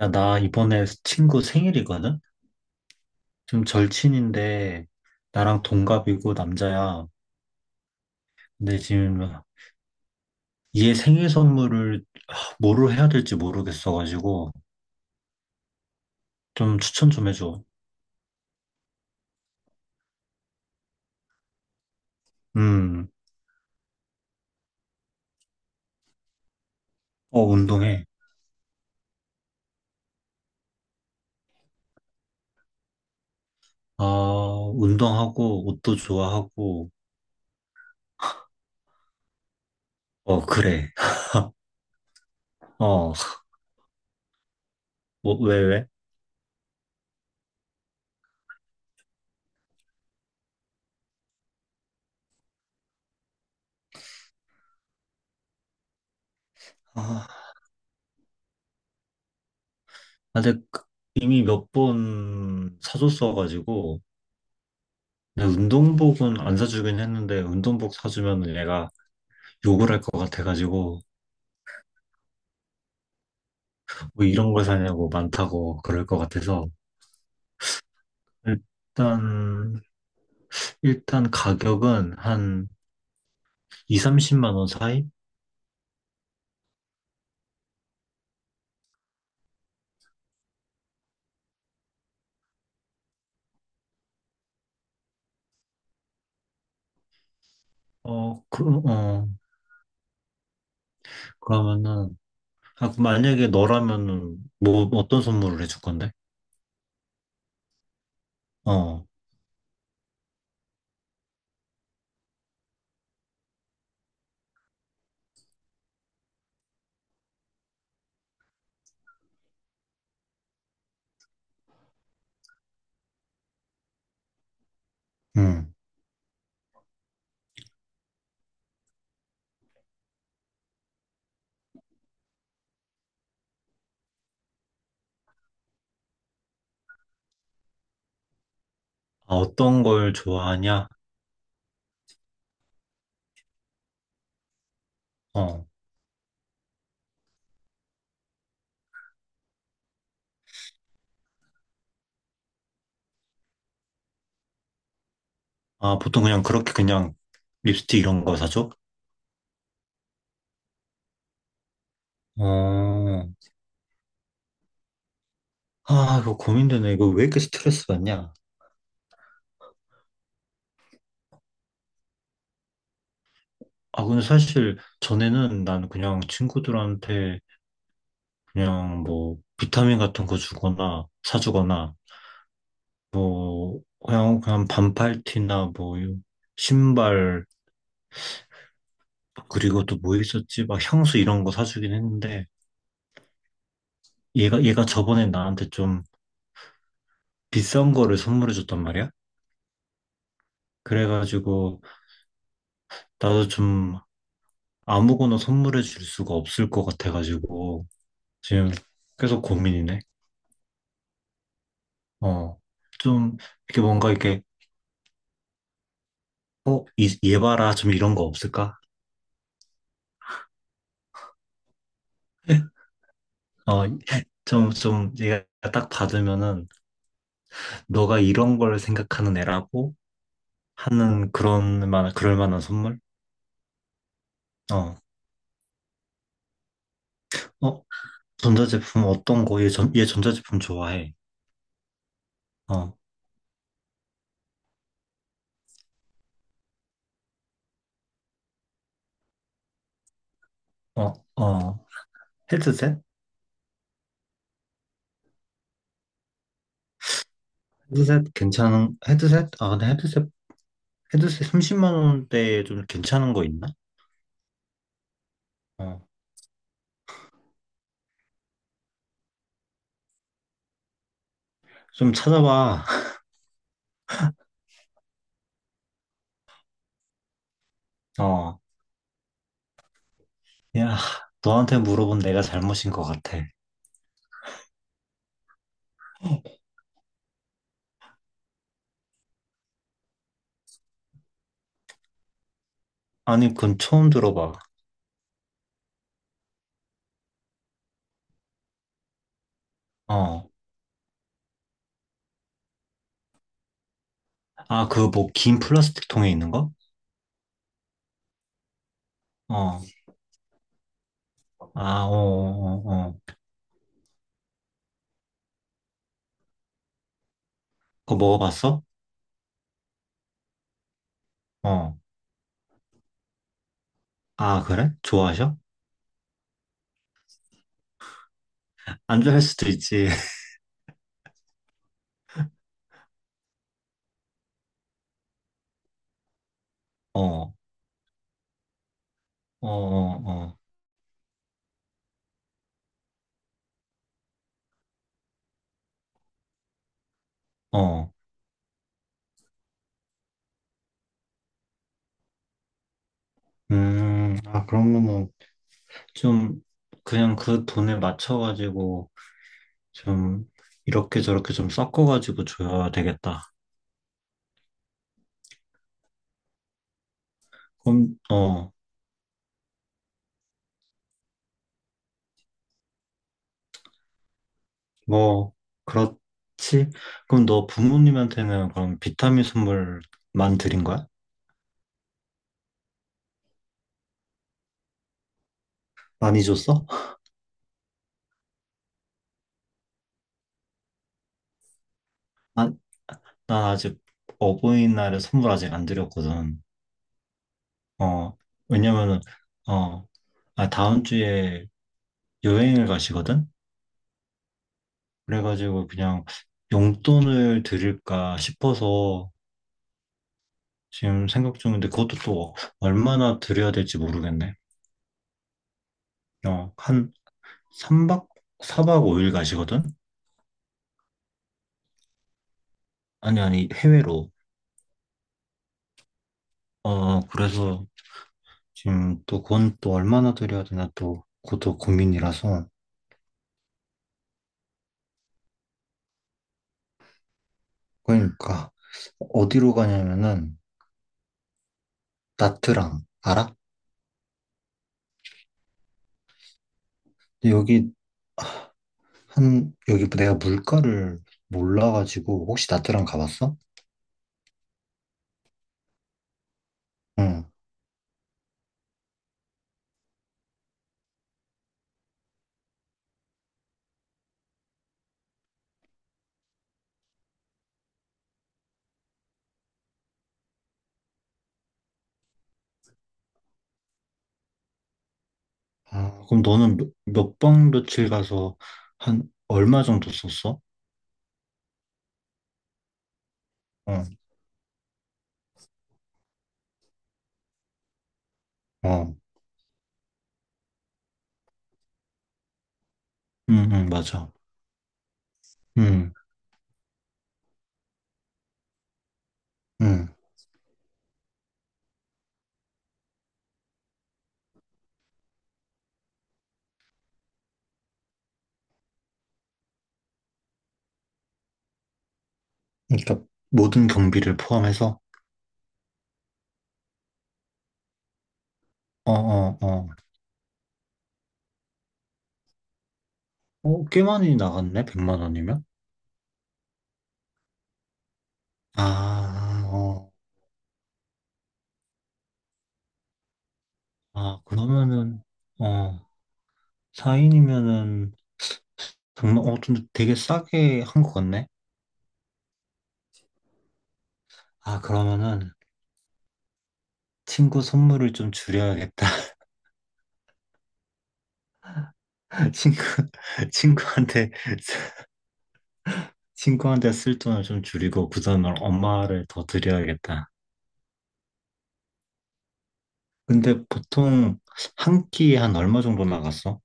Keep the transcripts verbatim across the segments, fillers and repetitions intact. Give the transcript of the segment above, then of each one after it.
야, 나 이번에 친구 생일이거든? 좀 절친인데, 나랑 동갑이고 남자야. 근데 지금 얘 생일 선물을 하, 뭐로 해야 될지 모르겠어가지고, 좀 추천 좀 해줘. 음, 어, 운동해. 아, 운동하고, 옷도 좋아하고, 어, 그래. 어, 뭐, 왜, 왜? 아, 근데 그- 이미 몇 번 사줬어가지고, 근데 운동복은 안 사주긴 했는데, 운동복 사주면 얘가 욕을 할 것 같아가지고, 뭐 이런 걸 사냐고 많다고 그럴 것 같아서 일단 일단 가격은 한 이, 삼십만 원 사이? 어, 그, 어, 그러면은 아, 그 만약에 너라면은 뭐 어떤 선물을 해줄 건데? 어, 음. 아, 어떤 걸 좋아하냐? 어, 아, 보통 그냥 그렇게 그냥 립스틱 이런 거 사줘? 어, 아, 이거 고민되네. 이거 왜 이렇게 스트레스 받냐? 아, 근데 사실 전에는 난 그냥 친구들한테 그냥 뭐 비타민 같은 거 주거나 사주거나 뭐 그냥 그냥 반팔티나 뭐 신발 그리고 또 뭐 있었지? 막 향수 이런 거 사주긴 했는데 얘가 얘가 저번에 나한테 좀 비싼 거를 선물해 줬단 말이야. 그래가지고 나도 좀 아무거나 선물해 줄 수가 없을 것 같아가지고 지금 계속 고민이네. 어. 좀 이렇게 뭔가 이렇게 어, 이, 얘 봐라 좀 이런 거 없을까? 어, 좀, 좀, 얘가 딱 받으면은, 너가 이런 걸 생각하는 애라고 하는 그런 만, 그럴 만한 선물? 어, 어, 전자제품 어떤 거? 얘 전, 얘 전자제품 좋아해. 어, 어, 어, 헤드셋? 헤드셋 괜찮은, 헤드셋? 아, 근데 헤드셋, 헤드셋 삼십만 원대에 좀 괜찮은 거 있나? 어, 좀 찾아봐. 어, 야, 너한테 물어본 내가 잘못인 것 같아. 아니, 그건 처음 들어봐. 어, 아, 그 뭐, 긴 플라스틱 통에 있는 거? 어, 아, 어, 어, 어. 어. 그거 먹어봤어? 어. 아, 그래? 좋아하셔? 안 좋아할 수도 있지. 어, 어, 어, 어, 어. 음, 아, 그러면은 좀 그냥 그 돈에 맞춰가지고 좀 이렇게 저렇게 좀 섞어가지고 줘야 되겠다. 그럼, 어, 뭐, 그렇지? 그럼 너 부모님한테는 그럼 비타민 선물만 드린 거야? 많이 줬어? 아, 난 아직 어버이날에 선물 아직 안 드렸거든. 어, 왜냐면은, 어, 아, 다음 주에 여행을 가시거든? 그래가지고 그냥 용돈을 드릴까 싶어서 지금 생각 중인데 그것도 또 얼마나 드려야 될지 모르겠네. 어, 한 삼 박 사 박 오 일 가시거든? 아니, 아니, 해외로. 어, 그래서 지금 또 그건 또 얼마나 드려야 되나 또 그것도 고민이라서. 그러니까 어디로 가냐면은 나트랑, 알아? 여기 한, 여기 내가 물가를 몰라가지고, 혹시 나트랑 가봤어? 응. 아, 그럼 너는 몇, 몇 박, 며칠 가서 한 얼마 정도 썼어? 응. 어, 응, 응, 맞아. 응, 응. 그러니까 모든 경비를 포함해서? 어, 어, 어. 어, 꽤 많이 나갔네, 백만 원이면? 아, 어. 아, 그러면은, 어, 사 인이면은, 정말, 어, 근데 되게 싸게 한 것 같네? 아, 그러면은, 친구 선물을 좀 줄여야겠다. 친구, 친구한테, 친구한테 쓸 돈을 좀 줄이고 그 돈을 엄마를 더 드려야겠다. 근데 보통 한 끼에 한 얼마 정도 나갔어?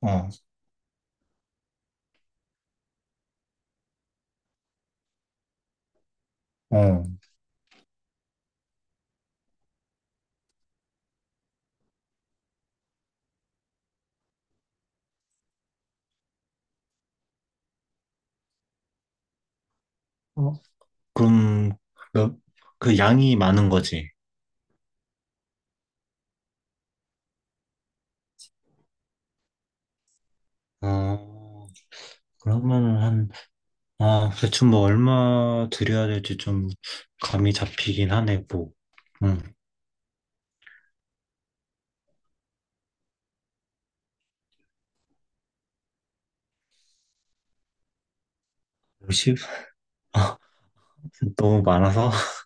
어, 어. 어, 그럼, 그 그 양이 많은 거지. 어, 그러면은 한, 아, 대충 뭐 얼마 드려야 될지 좀 감이 잡히긴 하네, 뭐. 응, 십? 너무 많아서?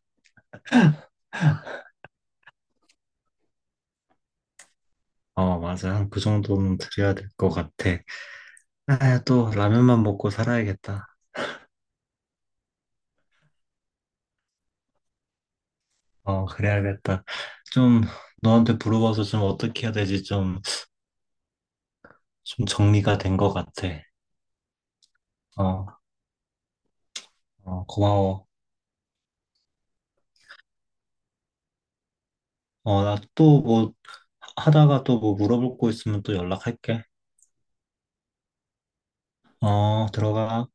어, 맞아. 한 그 정도는 드려야 될 것 같아. 아, 또 라면만 먹고 살아야겠다. 어, 그래야겠다. 좀 너한테 물어봐서 좀 어떻게 해야 되지? 좀, 좀 정리가 된 것 같아. 어, 어, 고마워. 어, 나 또 뭐 하다가 또 뭐 물어볼 거 있으면 또 연락할게. 어, 들어가.